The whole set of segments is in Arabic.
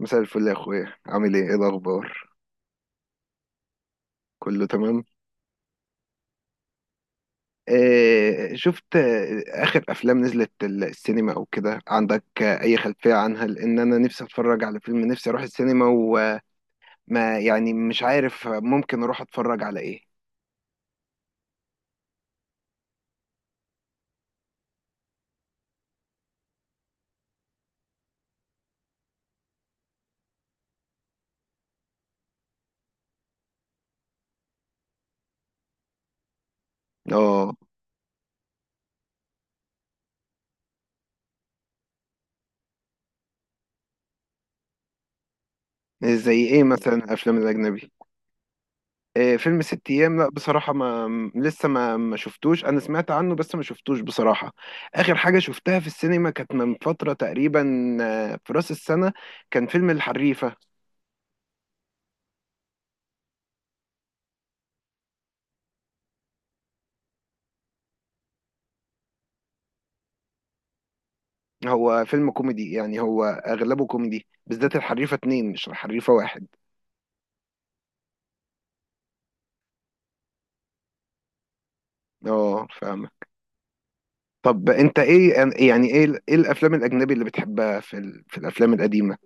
مساء الفل يا اخويا، عامل ايه؟ ايه الاخبار؟ كله تمام؟ آه شفت، اخر افلام نزلت السينما او كده؟ عندك اي خلفية عنها؟ لان انا نفسي اتفرج على فيلم، نفسي اروح السينما، وما يعني، مش عارف ممكن اروح اتفرج على ايه. اه، زي ايه مثلا الافلام الاجنبي؟ آه فيلم ست ايام، لا بصراحة ما لسه ما شفتوش. انا سمعت عنه بس ما شفتوش بصراحة. اخر حاجة شفتها في السينما كانت من فترة تقريبا، في راس السنة، كان فيلم الحريفة. هو فيلم كوميدي، يعني هو اغلبه كوميدي، بالذات الحريفه اتنين مش الحريفه واحد. اه، فاهمه. طب انت ايه يعني، ايه ايه الافلام الاجنبي اللي بتحبها في في الافلام القديمه؟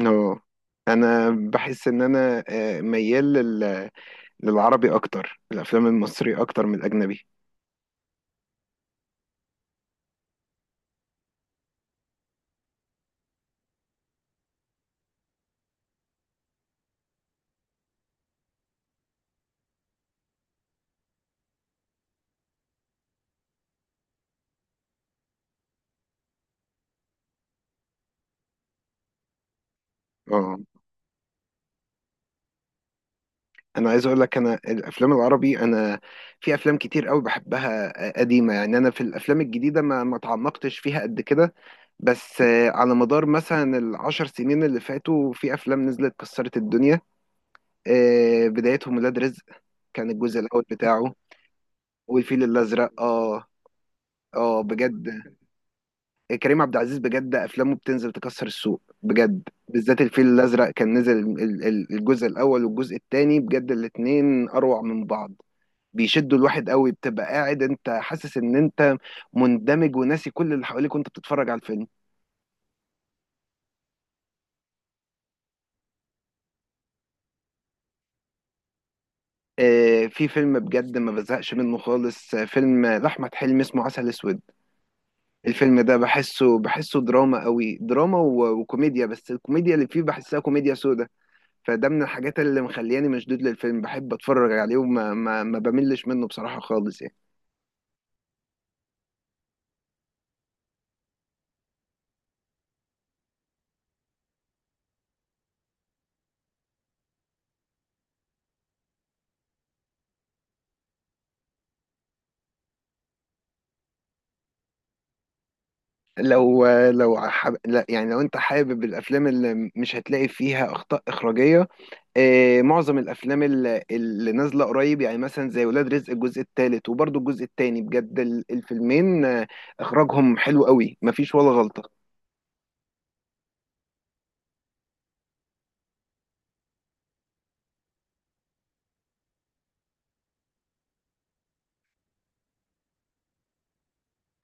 اه، انا بحس ان انا ميال للعربي اكتر، الافلام المصري اكتر من الاجنبي. اه، انا عايز اقول لك، انا الافلام العربي، انا في افلام كتير قوي بحبها قديمه، يعني انا في الافلام الجديده ما اتعمقتش فيها قد كده. بس على مدار مثلا ال 10 سنين اللي فاتوا، في افلام نزلت كسرت الدنيا. بدايتهم ولاد رزق، كان الجزء الاول بتاعه، والفيل الازرق. اه، اه، بجد. كريم عبد العزيز بجد افلامه بتنزل تكسر السوق، بجد بالذات الفيل الازرق كان نزل الجزء الاول والجزء الثاني، بجد الاتنين اروع من بعض. بيشدوا الواحد قوي، بتبقى قاعد انت حاسس ان انت مندمج وناسي كل اللي حواليك وانت بتتفرج على الفيلم. في فيلم بجد ما بزهقش منه خالص، فيلم لأحمد حلمي اسمه عسل اسود. الفيلم ده بحسه بحسه دراما قوي، دراما وكوميديا، بس الكوميديا اللي فيه بحسها كوميديا سودا. فده من الحاجات اللي مخلياني مشدود للفيلم، بحب اتفرج عليه وما ما, ما بملش منه بصراحة خالص يعني. لا يعني، لو انت حابب الافلام اللي مش هتلاقي فيها اخطاء اخراجية، معظم الافلام اللي نازله قريب، يعني مثلا زي ولاد رزق الجزء الثالث وبرضه الجزء الثاني، بجد الفيلمين اخراجهم حلو قوي مفيش ولا غلطه.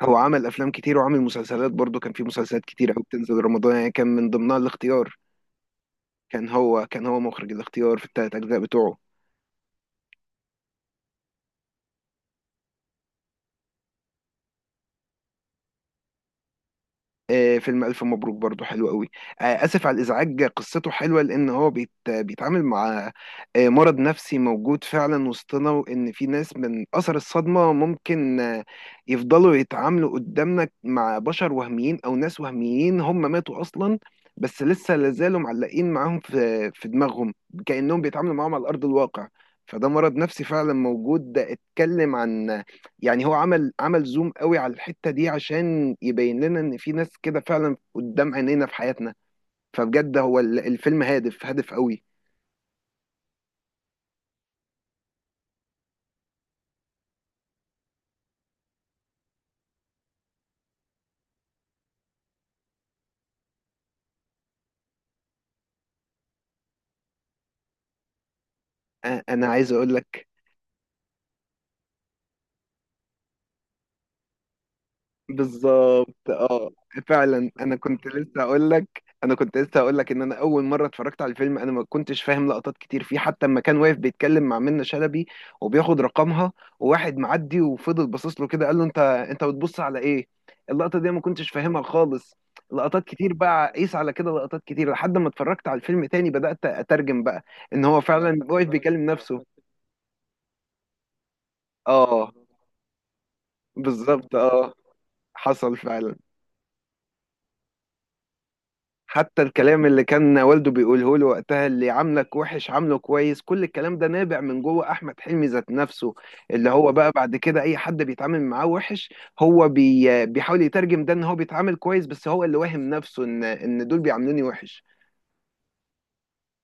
هو عمل افلام كتير وعمل مسلسلات برضه، كان في مسلسلات كتير قوي بتنزل رمضان، يعني كان من ضمنها الاختيار. كان هو، مخرج الاختيار في ال 3 اجزاء بتوعه. فيلم ألف مبروك برضو حلو قوي. آسف على الإزعاج قصته حلوة، لأن هو بيتعامل مع، مرض نفسي موجود فعلا وسطنا، وإن في ناس من أثر الصدمة ممكن، يفضلوا يتعاملوا قدامنا مع بشر وهميين أو ناس وهميين هم ماتوا أصلا، بس لسه لازالوا معلقين معاهم في دماغهم، كأنهم بيتعاملوا معاهم على أرض الواقع. فده مرض نفسي فعلا موجود، ده اتكلم عن، يعني هو عمل، زوم قوي على الحتة دي عشان يبين لنا ان في ناس كده فعلا قدام عينينا في حياتنا. فبجد هو الفيلم هادف هادف قوي. انا عايز اقول لك. بالظبط، اه فعلا. انا كنت لسه اقول لك انا كنت لسه اقول لك ان انا اول مره اتفرجت على الفيلم انا ما كنتش فاهم لقطات كتير فيه، حتى لما كان واقف بيتكلم مع منة شلبي وبياخد رقمها وواحد معدي وفضل باصص له كده قال له انت بتبص على ايه، اللقطه دي أنا ما كنتش فاهمها خالص. لقطات كتير بقى، قيس على كده لقطات كتير، لحد ما اتفرجت على الفيلم تاني بدات اترجم بقى ان هو فعلا واقف بيكلم نفسه. اه، بالظبط، اه حصل فعلا. حتى الكلام اللي كان والده بيقوله له وقتها، اللي عاملك وحش عامله كويس، كل الكلام ده نابع من جوه احمد حلمي ذات نفسه، اللي هو بقى بعد كده اي حد بيتعامل معاه وحش، هو بيحاول يترجم ده ان هو بيتعامل كويس، بس هو اللي واهم نفسه ان دول بيعاملوني وحش.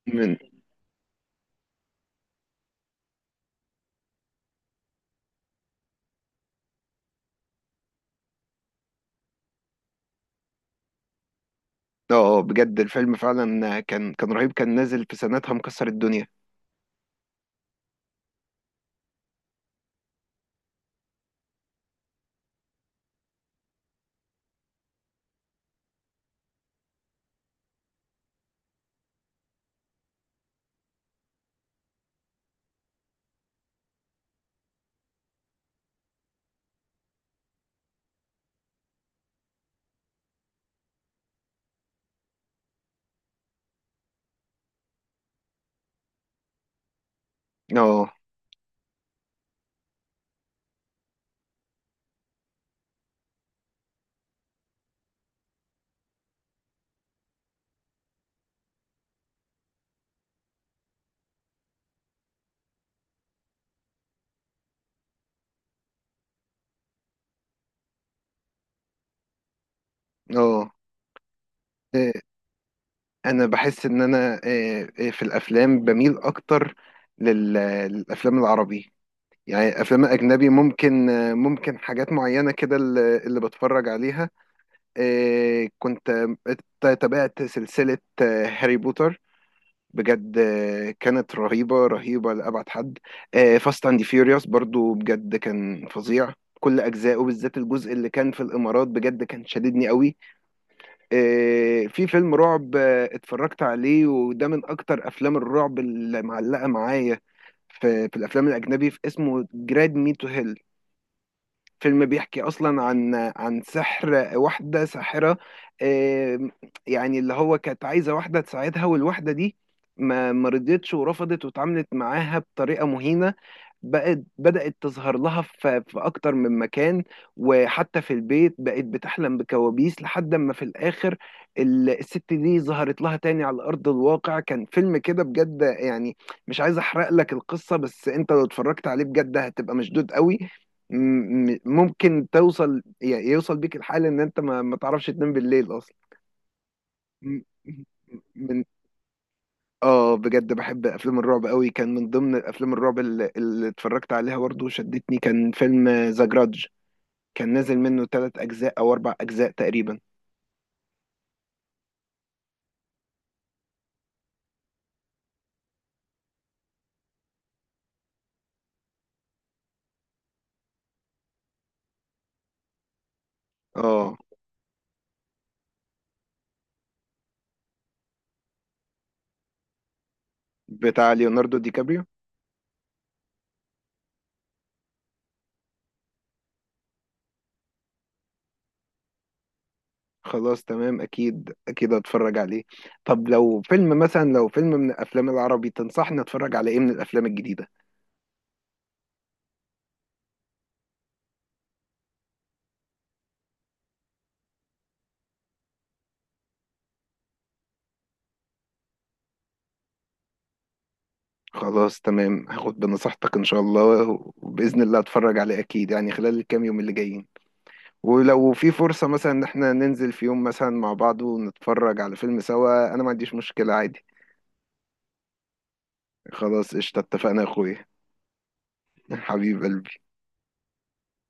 من اه بجد الفيلم فعلا كان، رهيب، كان نازل في سنتها مكسر الدنيا. اه، اه. إيه، انا بحس ان انا إيه، إيه، في الافلام بميل اكتر لل- للافلام العربي. يعني افلام اجنبي ممكن، حاجات معينه كده اللي بتفرج عليها. كنت تابعت سلسله هاري بوتر، بجد كانت رهيبه رهيبه لابعد حد. فاست اند فيوريوس برضو بجد كان فظيع، كل اجزائه بالذات الجزء اللي كان في الامارات بجد كان شددني قوي. في فيلم رعب اتفرجت عليه وده من اكتر افلام الرعب اللي معلقه معايا في الافلام الاجنبي، في اسمه جراد مي تو هيل. فيلم بيحكي اصلا عن سحر واحده ساحره. آم، يعني اللي هو كانت عايزه واحده تساعدها، والواحده دي ما رضيتش ورفضت واتعاملت معاها بطريقه مهينه، بقت بدأت تظهر لها في أكتر من مكان، وحتى في البيت بقت بتحلم بكوابيس، لحد ما في الآخر الست دي ظهرت لها تاني على أرض الواقع. كان فيلم كده بجد يعني، مش عايز أحرق لك القصة، بس أنت لو اتفرجت عليه بجد هتبقى مشدود قوي. ممكن توصل، يوصل بيك الحال إن أنت ما تعرفش تنام بالليل أصلا. م- م- اه بجد بحب افلام الرعب قوي. كان من ضمن افلام الرعب اللي اتفرجت عليها برضه وشدتني كان فيلم ذا جرادج، كان نازل منه 3 اجزاء او 4 اجزاء تقريبا. اه، بتاع ليوناردو دي كابريو. خلاص تمام، اكيد اكيد هتفرج عليه. طب لو فيلم مثلا، لو فيلم من الافلام العربي تنصحني اتفرج على ايه من الافلام الجديدة؟ خلاص تمام، هاخد بنصيحتك ان شاء الله، وباذن الله اتفرج عليه اكيد يعني خلال الكام يوم اللي جايين. ولو في فرصة مثلا ان احنا ننزل في يوم مثلا مع بعض ونتفرج على فيلم سوا، انا ما عنديش مشكلة عادي. خلاص قشطة، اتفقنا يا اخويا. حبيب قلبي.